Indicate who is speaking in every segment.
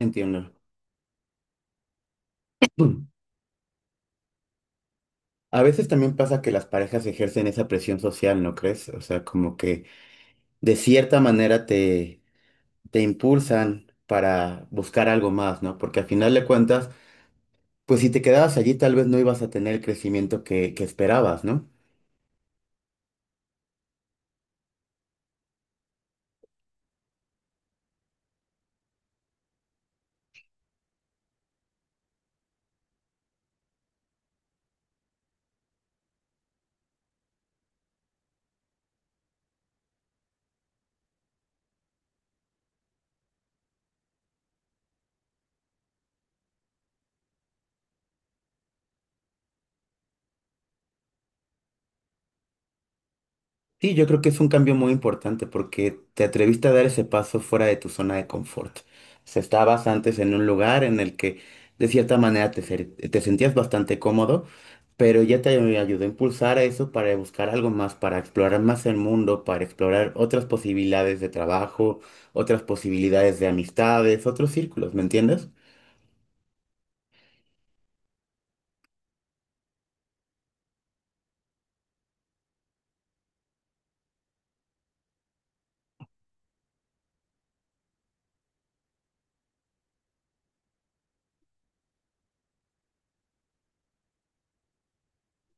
Speaker 1: Entiendo. A veces también pasa que las parejas ejercen esa presión social, ¿no crees? O sea, como que de cierta manera te impulsan para buscar algo más, ¿no? Porque al final de cuentas, pues si te quedabas allí, tal vez no ibas a tener el crecimiento que esperabas, ¿no? Sí, yo creo que es un cambio muy importante porque te atreviste a dar ese paso fuera de tu zona de confort. O sea, estabas antes en un lugar en el que de cierta manera te sentías bastante cómodo, pero ya te ayudó a impulsar a eso para buscar algo más, para explorar más el mundo, para explorar otras posibilidades de trabajo, otras posibilidades de amistades, otros círculos, ¿me entiendes?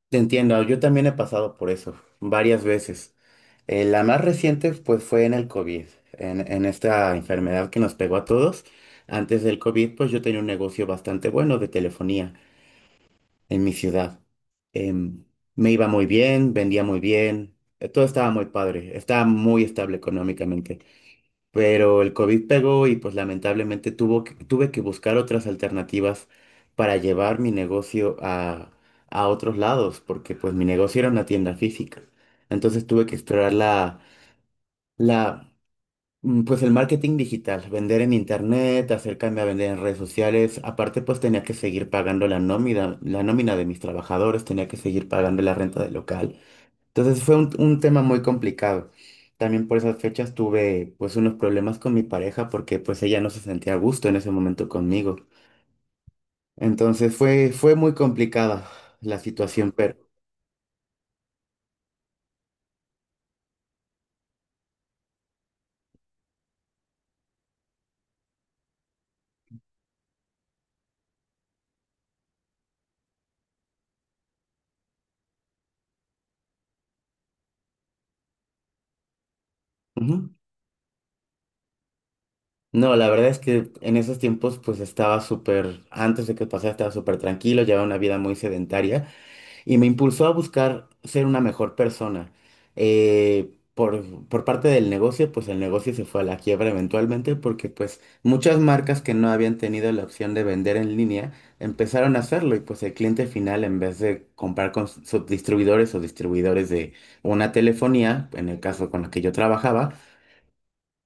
Speaker 1: Te entiendo, yo también he pasado por eso varias veces. La más reciente pues fue en el COVID, en esta enfermedad que nos pegó a todos. Antes del COVID pues yo tenía un negocio bastante bueno de telefonía en mi ciudad. Em, me iba muy bien, vendía muy bien, todo estaba muy padre, estaba muy estable económicamente, pero el COVID pegó y pues lamentablemente tuve que buscar otras alternativas para llevar mi negocio a otros lados, porque pues mi negocio era una tienda física. Entonces tuve que explorar la, la, pues el marketing digital, vender en internet, acercarme a vender en redes sociales. Aparte pues tenía que seguir pagando la nómina de mis trabajadores, tenía que seguir pagando la renta del local. Entonces fue un tema muy complicado. También por esas fechas tuve pues unos problemas con mi pareja porque pues ella no se sentía a gusto en ese momento conmigo. Entonces fue muy complicada la situación, pero... Ujú. No, la verdad es que en esos tiempos pues estaba súper, antes de que pasara estaba súper tranquilo, llevaba una vida muy sedentaria, y me impulsó a buscar ser una mejor persona. Por parte del negocio, pues el negocio se fue a la quiebra eventualmente porque pues muchas marcas que no habían tenido la opción de vender en línea empezaron a hacerlo, y pues el cliente final, en vez de comprar con subdistribuidores o distribuidores de una telefonía, en el caso con la que yo trabajaba,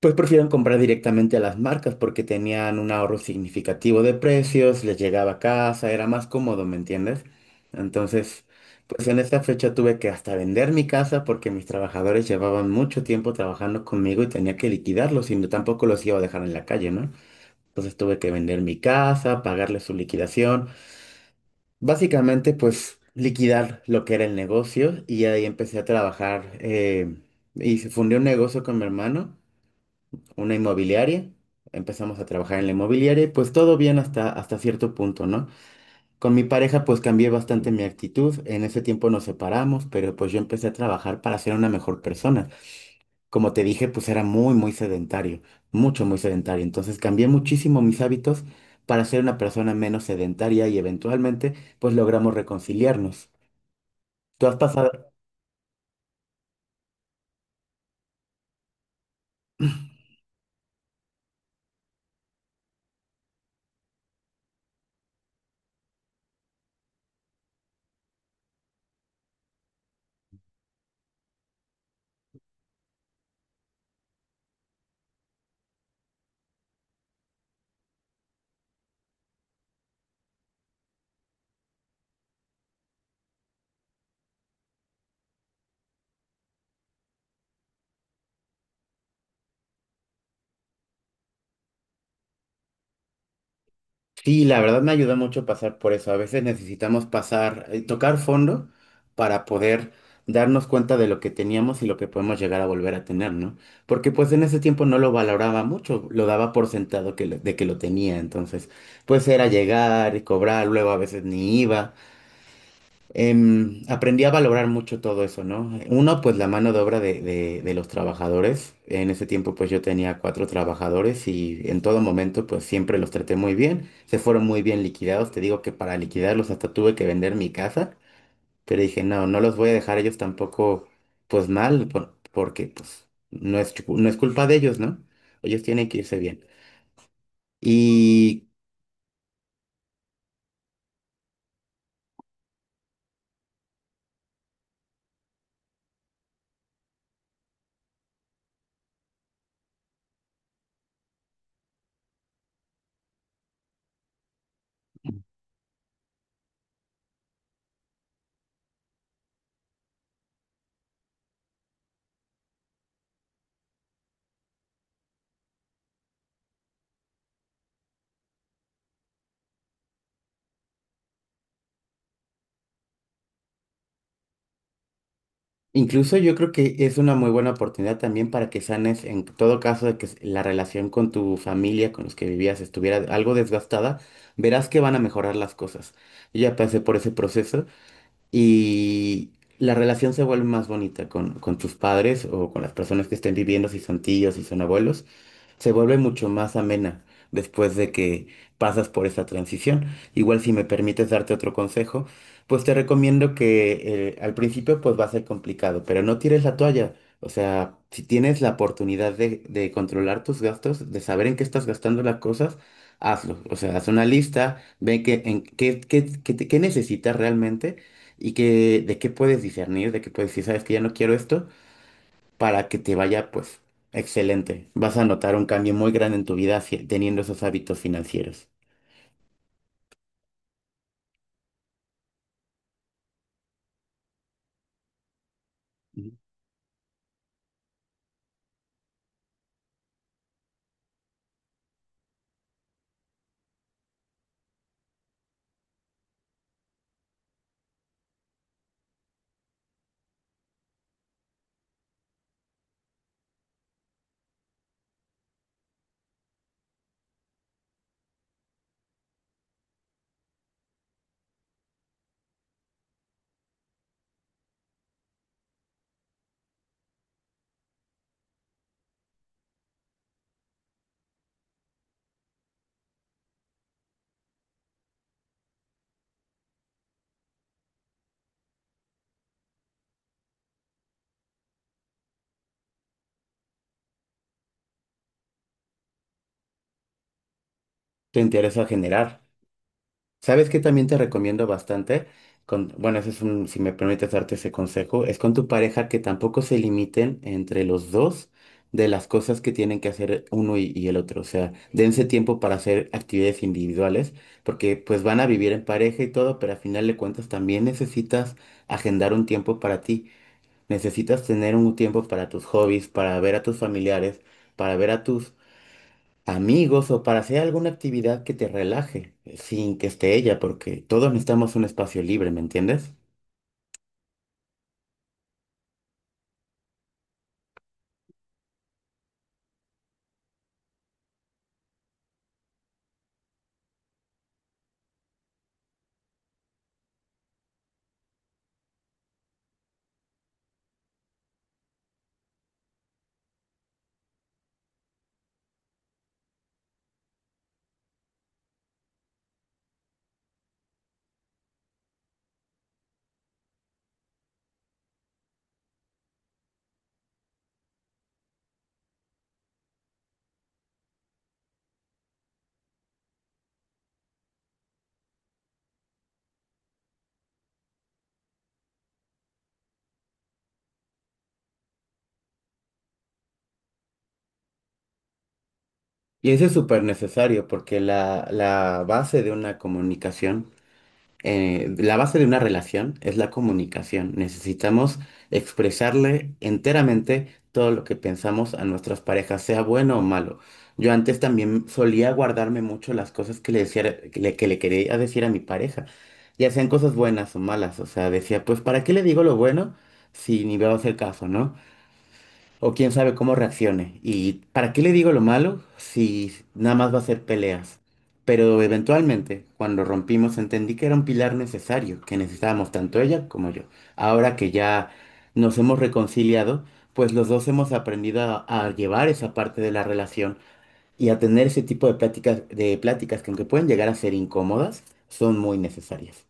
Speaker 1: pues prefieren comprar directamente a las marcas porque tenían un ahorro significativo de precios, les llegaba a casa, era más cómodo, ¿me entiendes? Entonces, pues en esta fecha tuve que hasta vender mi casa porque mis trabajadores llevaban mucho tiempo trabajando conmigo y tenía que liquidarlos y no, tampoco los iba a dejar en la calle, ¿no? Entonces tuve que vender mi casa, pagarles su liquidación, básicamente pues liquidar lo que era el negocio, y ahí empecé a trabajar y se fundé un negocio con mi hermano, una inmobiliaria, empezamos a trabajar en la inmobiliaria y pues todo bien hasta, hasta cierto punto, ¿no? Con mi pareja pues cambié bastante mi actitud, en ese tiempo nos separamos, pero pues yo empecé a trabajar para ser una mejor persona. Como te dije, pues era muy, muy sedentario, mucho, muy sedentario. Entonces cambié muchísimo mis hábitos para ser una persona menos sedentaria y eventualmente pues logramos reconciliarnos. ¿Tú has pasado? Sí, la verdad me ayuda mucho pasar por eso. A veces necesitamos pasar, tocar fondo para poder darnos cuenta de lo que teníamos y lo que podemos llegar a volver a tener, ¿no? Porque pues en ese tiempo no lo valoraba mucho, lo daba por sentado de que lo tenía, entonces pues era llegar y cobrar, luego a veces ni iba. Aprendí a valorar mucho todo eso, ¿no? Uno, pues la mano de obra de, de los trabajadores. En ese tiempo, pues yo tenía cuatro trabajadores y en todo momento, pues siempre los traté muy bien. Se fueron muy bien liquidados. Te digo que para liquidarlos hasta tuve que vender mi casa, pero dije, no, no los voy a dejar a ellos tampoco, pues mal, porque pues no es, no es culpa de ellos, ¿no? Ellos tienen que irse bien. Y incluso yo creo que es una muy buena oportunidad también para que sanes, en todo caso de que la relación con tu familia, con los que vivías, estuviera algo desgastada, verás que van a mejorar las cosas. Yo ya pasé por ese proceso y la relación se vuelve más bonita con tus padres o con las personas que estén viviendo, si son tíos, si son abuelos, se vuelve mucho más amena después de que pasas por esa transición. Igual si me permites darte otro consejo, pues te recomiendo que al principio pues va a ser complicado, pero no tires la toalla. O sea, si tienes la oportunidad de, controlar tus gastos, de saber en qué estás gastando las cosas, hazlo. O sea, haz una lista, ve qué, en, qué, qué, qué, te- qué necesitas realmente y que, de qué puedes discernir, de qué puedes decir, sabes que ya no quiero esto para que te vaya, pues, excelente. Vas a notar un cambio muy grande en tu vida teniendo esos hábitos financieros. Ujú. Te interesa generar. ¿Sabes qué también te recomiendo bastante? Bueno, si me permites darte ese consejo, es con tu pareja, que tampoco se limiten entre los dos de las cosas que tienen que hacer uno y el otro. O sea, dense tiempo para hacer actividades individuales, porque pues van a vivir en pareja y todo, pero al final de cuentas también necesitas agendar un tiempo para ti. Necesitas tener un tiempo para tus hobbies, para ver a tus familiares, para ver a tus amigos, o para hacer alguna actividad que te relaje, sin que esté ella, porque todos necesitamos un espacio libre, ¿me entiendes? Y eso es súper necesario, porque la base de una comunicación, la base de una relación es la comunicación. Necesitamos expresarle enteramente todo lo que pensamos a nuestras parejas, sea bueno o malo. Yo antes también solía guardarme mucho las cosas que le decía, que le quería decir a mi pareja, ya sean cosas buenas o malas. O sea, decía, pues, ¿para qué le digo lo bueno si ni me va a hacer caso?, ¿no? O quién sabe cómo reaccione. ¿Y para qué le digo lo malo si nada más va a ser peleas? Pero eventualmente, cuando rompimos, entendí que era un pilar necesario, que necesitábamos tanto ella como yo. Ahora que ya nos hemos reconciliado, pues los dos hemos aprendido a, llevar esa parte de la relación y a tener ese tipo de pláticas que, aunque pueden llegar a ser incómodas, son muy necesarias.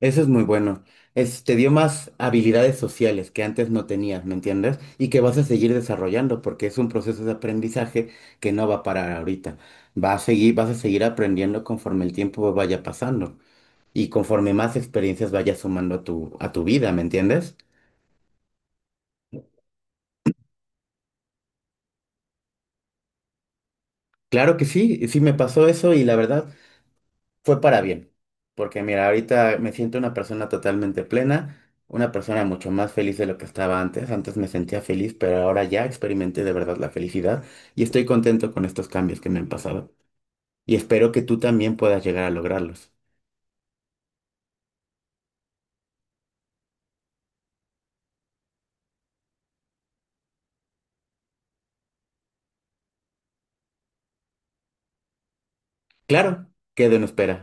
Speaker 1: Eso es muy bueno. Te dio más habilidades sociales que antes no tenías, ¿me entiendes? Y que vas a seguir desarrollando porque es un proceso de aprendizaje que no va a parar ahorita. Va a seguir, vas a seguir aprendiendo conforme el tiempo vaya pasando y conforme más experiencias vayas sumando a tu, vida, ¿me entiendes? Claro que sí, sí me pasó eso y la verdad fue para bien, porque mira, ahorita me siento una persona totalmente plena, una persona mucho más feliz de lo que estaba antes. Antes me sentía feliz, pero ahora ya experimenté de verdad la felicidad y estoy contento con estos cambios que me han pasado. Y espero que tú también puedas llegar a lograrlos. Claro, quedo en espera.